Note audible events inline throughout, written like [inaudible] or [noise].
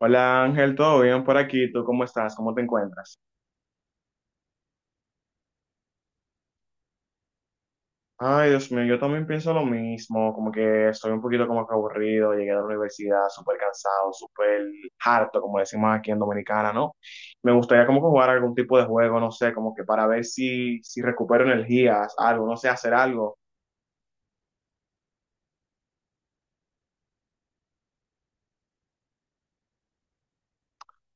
Hola Ángel, ¿todo bien por aquí? ¿Tú cómo estás? ¿Cómo te encuentras? Ay, Dios mío, yo también pienso lo mismo, como que estoy un poquito como que aburrido, llegué a la universidad súper cansado, súper harto, como decimos aquí en Dominicana, ¿no? Me gustaría como que jugar algún tipo de juego, no sé, como que para ver si recupero energías, algo, no sé, hacer algo.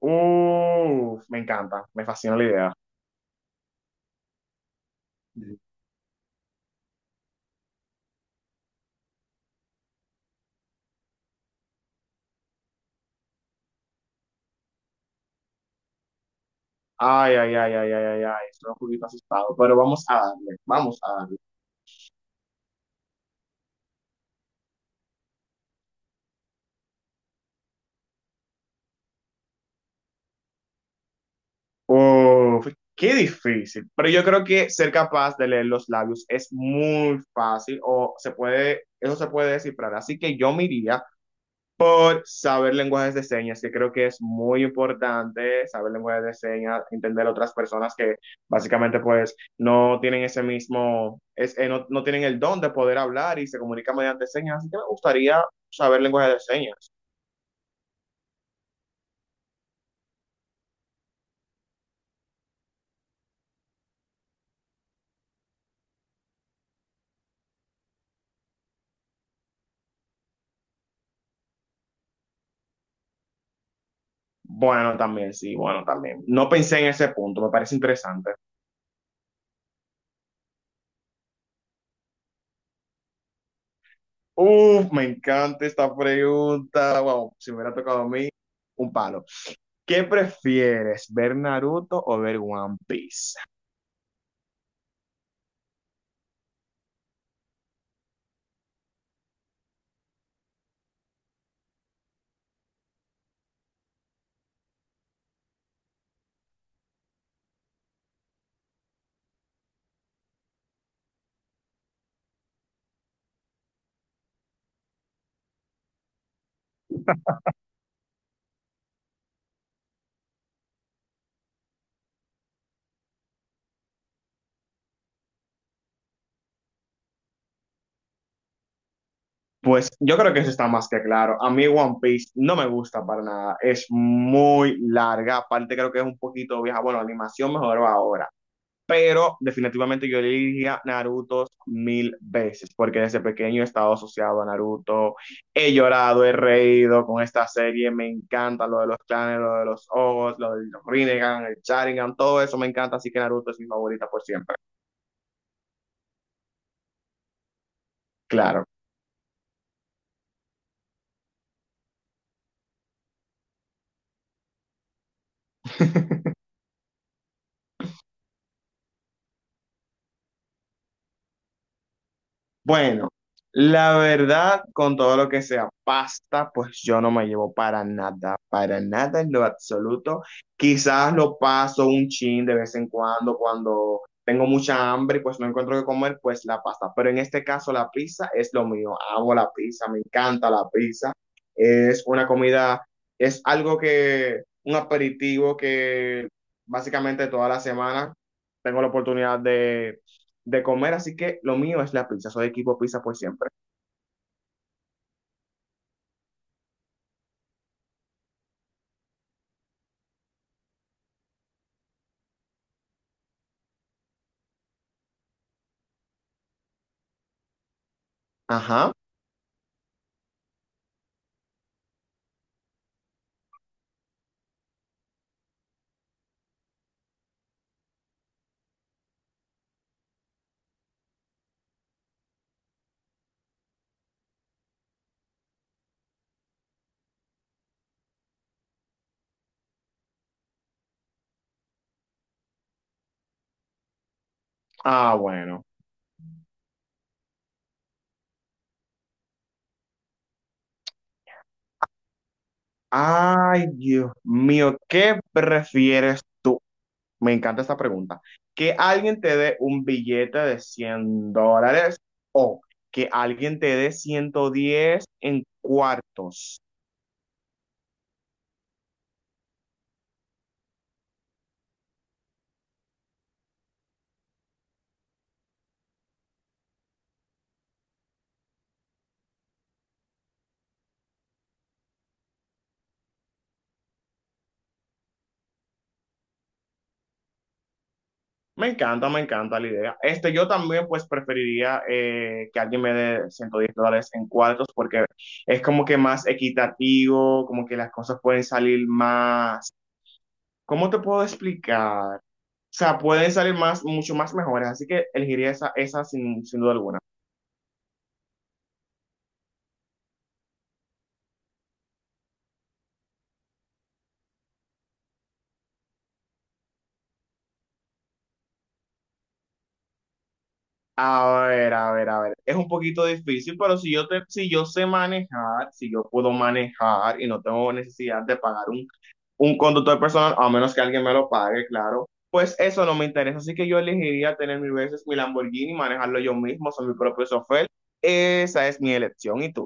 Uf, me encanta, me fascina la idea. Ay, ay, ay, ay, ay, ay, ay, estoy un poquito asustado, pero vamos a darle, vamos a darle. Uf, qué difícil. Pero yo creo que ser capaz de leer los labios es muy fácil o se puede, eso se puede descifrar. Así que yo me iría por saber lenguajes de señas, que creo que es muy importante saber lenguajes de señas, entender a otras personas que básicamente pues no tienen ese mismo, es, no tienen el don de poder hablar y se comunican mediante señas. Así que me gustaría saber lenguajes de señas. Bueno, también, sí, bueno, también. No pensé en ese punto, me parece interesante. Uf, me encanta esta pregunta. Wow, si me hubiera tocado a mí, un palo. ¿Qué prefieres, ver Naruto o ver One Piece? Pues yo creo que eso está más que claro. A mí One Piece no me gusta para nada. Es muy larga. Aparte creo que es un poquito vieja. Bueno, la animación mejoró ahora, pero definitivamente yo elegiría Naruto mil veces, porque desde pequeño he estado asociado a Naruto, he llorado, he reído con esta serie, me encanta lo de los clanes, lo de los ojos, lo del Rinnegan, el Sharingan, todo eso me encanta, así que Naruto es mi favorita por siempre, claro. [laughs] Bueno, la verdad, con todo lo que sea pasta, pues yo no me llevo para nada en lo absoluto. Quizás lo paso un chin de vez en cuando, cuando tengo mucha hambre y pues no encuentro qué comer, pues la pasta. Pero en este caso, la pizza es lo mío. Amo la pizza, me encanta la pizza. Es una comida, es algo que, un aperitivo que básicamente toda la semana tengo la oportunidad de comer, así que lo mío es la pizza, soy equipo pizza por siempre. Ajá. Ah, bueno. Ay, Dios mío, ¿qué prefieres tú? Me encanta esta pregunta. ¿Que alguien te dé un billete de $100 o que alguien te dé 110 en cuartos? Me encanta la idea. Este, yo también pues preferiría que alguien me dé $110 en cuartos porque es como que más equitativo, como que las cosas pueden salir más. ¿Cómo te puedo explicar? O sea, pueden salir más, mucho más mejores, así que elegiría esa, esa sin duda alguna. A ver, a ver, a ver. Es un poquito difícil, pero si yo sé manejar, si yo puedo manejar y no tengo necesidad de pagar un conductor personal, a menos que alguien me lo pague, claro, pues eso no me interesa. Así que yo elegiría tener mil veces mi Lamborghini, manejarlo yo mismo, soy mi propio software. Esa es mi elección y tú.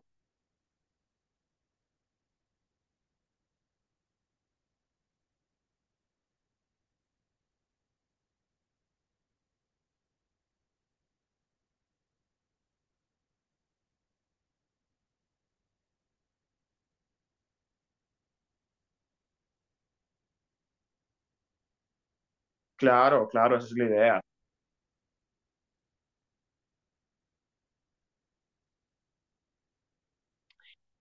Claro, claro, esa es la idea.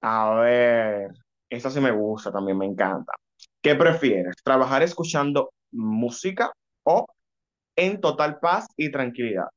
A ver, esa sí me gusta, también me encanta. ¿Qué prefieres? ¿Trabajar escuchando música o en total paz y tranquilidad?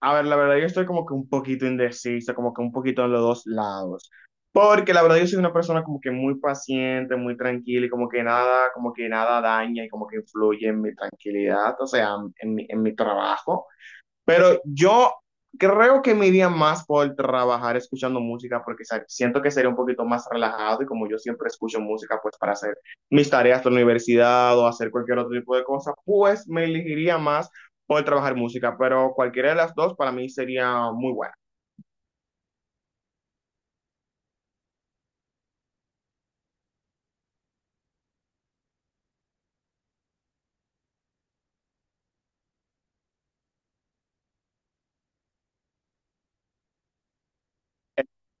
A ver, la verdad yo estoy como que un poquito indecisa, como que un poquito en los dos lados. Porque la verdad yo soy una persona como que muy paciente, muy tranquila y como que nada daña y como que influye en mi tranquilidad, o sea, en mi trabajo. Pero yo creo que me iría más por trabajar escuchando música porque siento que sería un poquito más relajado y como yo siempre escucho música pues para hacer mis tareas de la universidad o hacer cualquier otro tipo de cosa, pues me elegiría más por trabajar música, pero cualquiera de las dos para mí sería muy buena.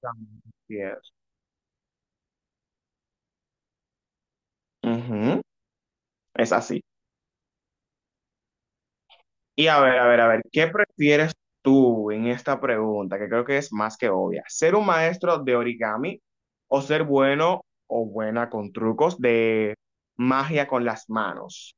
También. Yes. Ujú, es así. Y a ver, a ver, a ver, ¿qué prefieres tú en esta pregunta? Que creo que es más que obvia. ¿Ser un maestro de origami o ser bueno o buena con trucos de magia con las manos?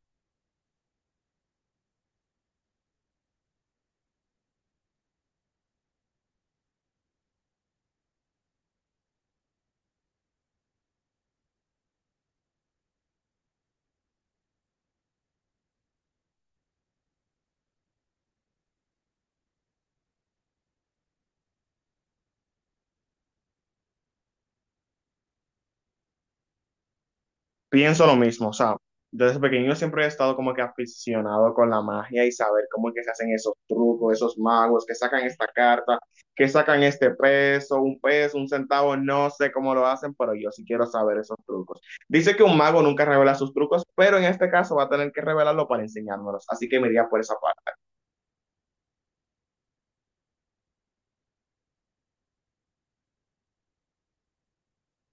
Pienso lo mismo, o sea, desde pequeño siempre he estado como que aficionado con la magia y saber cómo es que se hacen esos trucos, esos magos, que sacan esta carta, que sacan este peso, un centavo, no sé cómo lo hacen, pero yo sí quiero saber esos trucos. Dice que un mago nunca revela sus trucos, pero en este caso va a tener que revelarlo para enseñármelos, así que me iría por esa parte.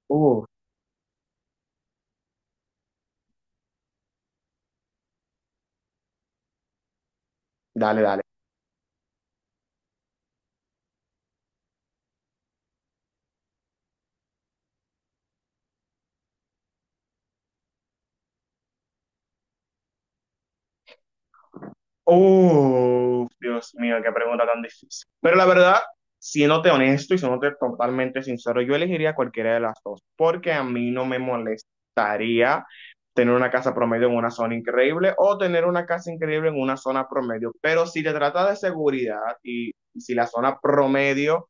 Uh, dale, dale. Oh, Dios mío, qué pregunta tan difícil. Pero la verdad, siéndote honesto y siéndote totalmente sincero, yo elegiría cualquiera de las dos, porque a mí no me molestaría tener una casa promedio en una zona increíble o tener una casa increíble en una zona promedio. Pero si te trata de seguridad y si la zona promedio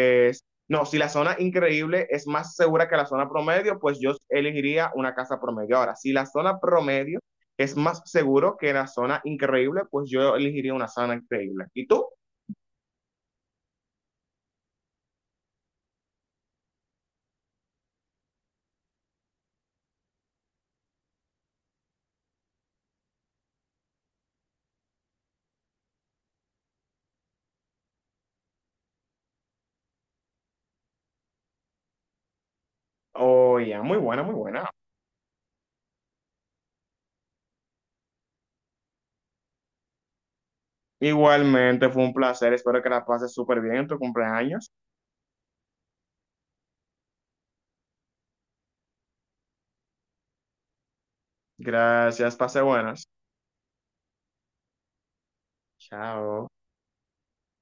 pues, no, si la zona increíble es más segura que la zona promedio, pues yo elegiría una casa promedio. Ahora, si la zona promedio es más seguro que la zona increíble, pues yo elegiría una zona increíble. ¿Y tú? Oh, ya, muy buena, muy buena. Igualmente, fue un placer. Espero que la pases súper bien en tu cumpleaños. Gracias, pase buenas. Chao.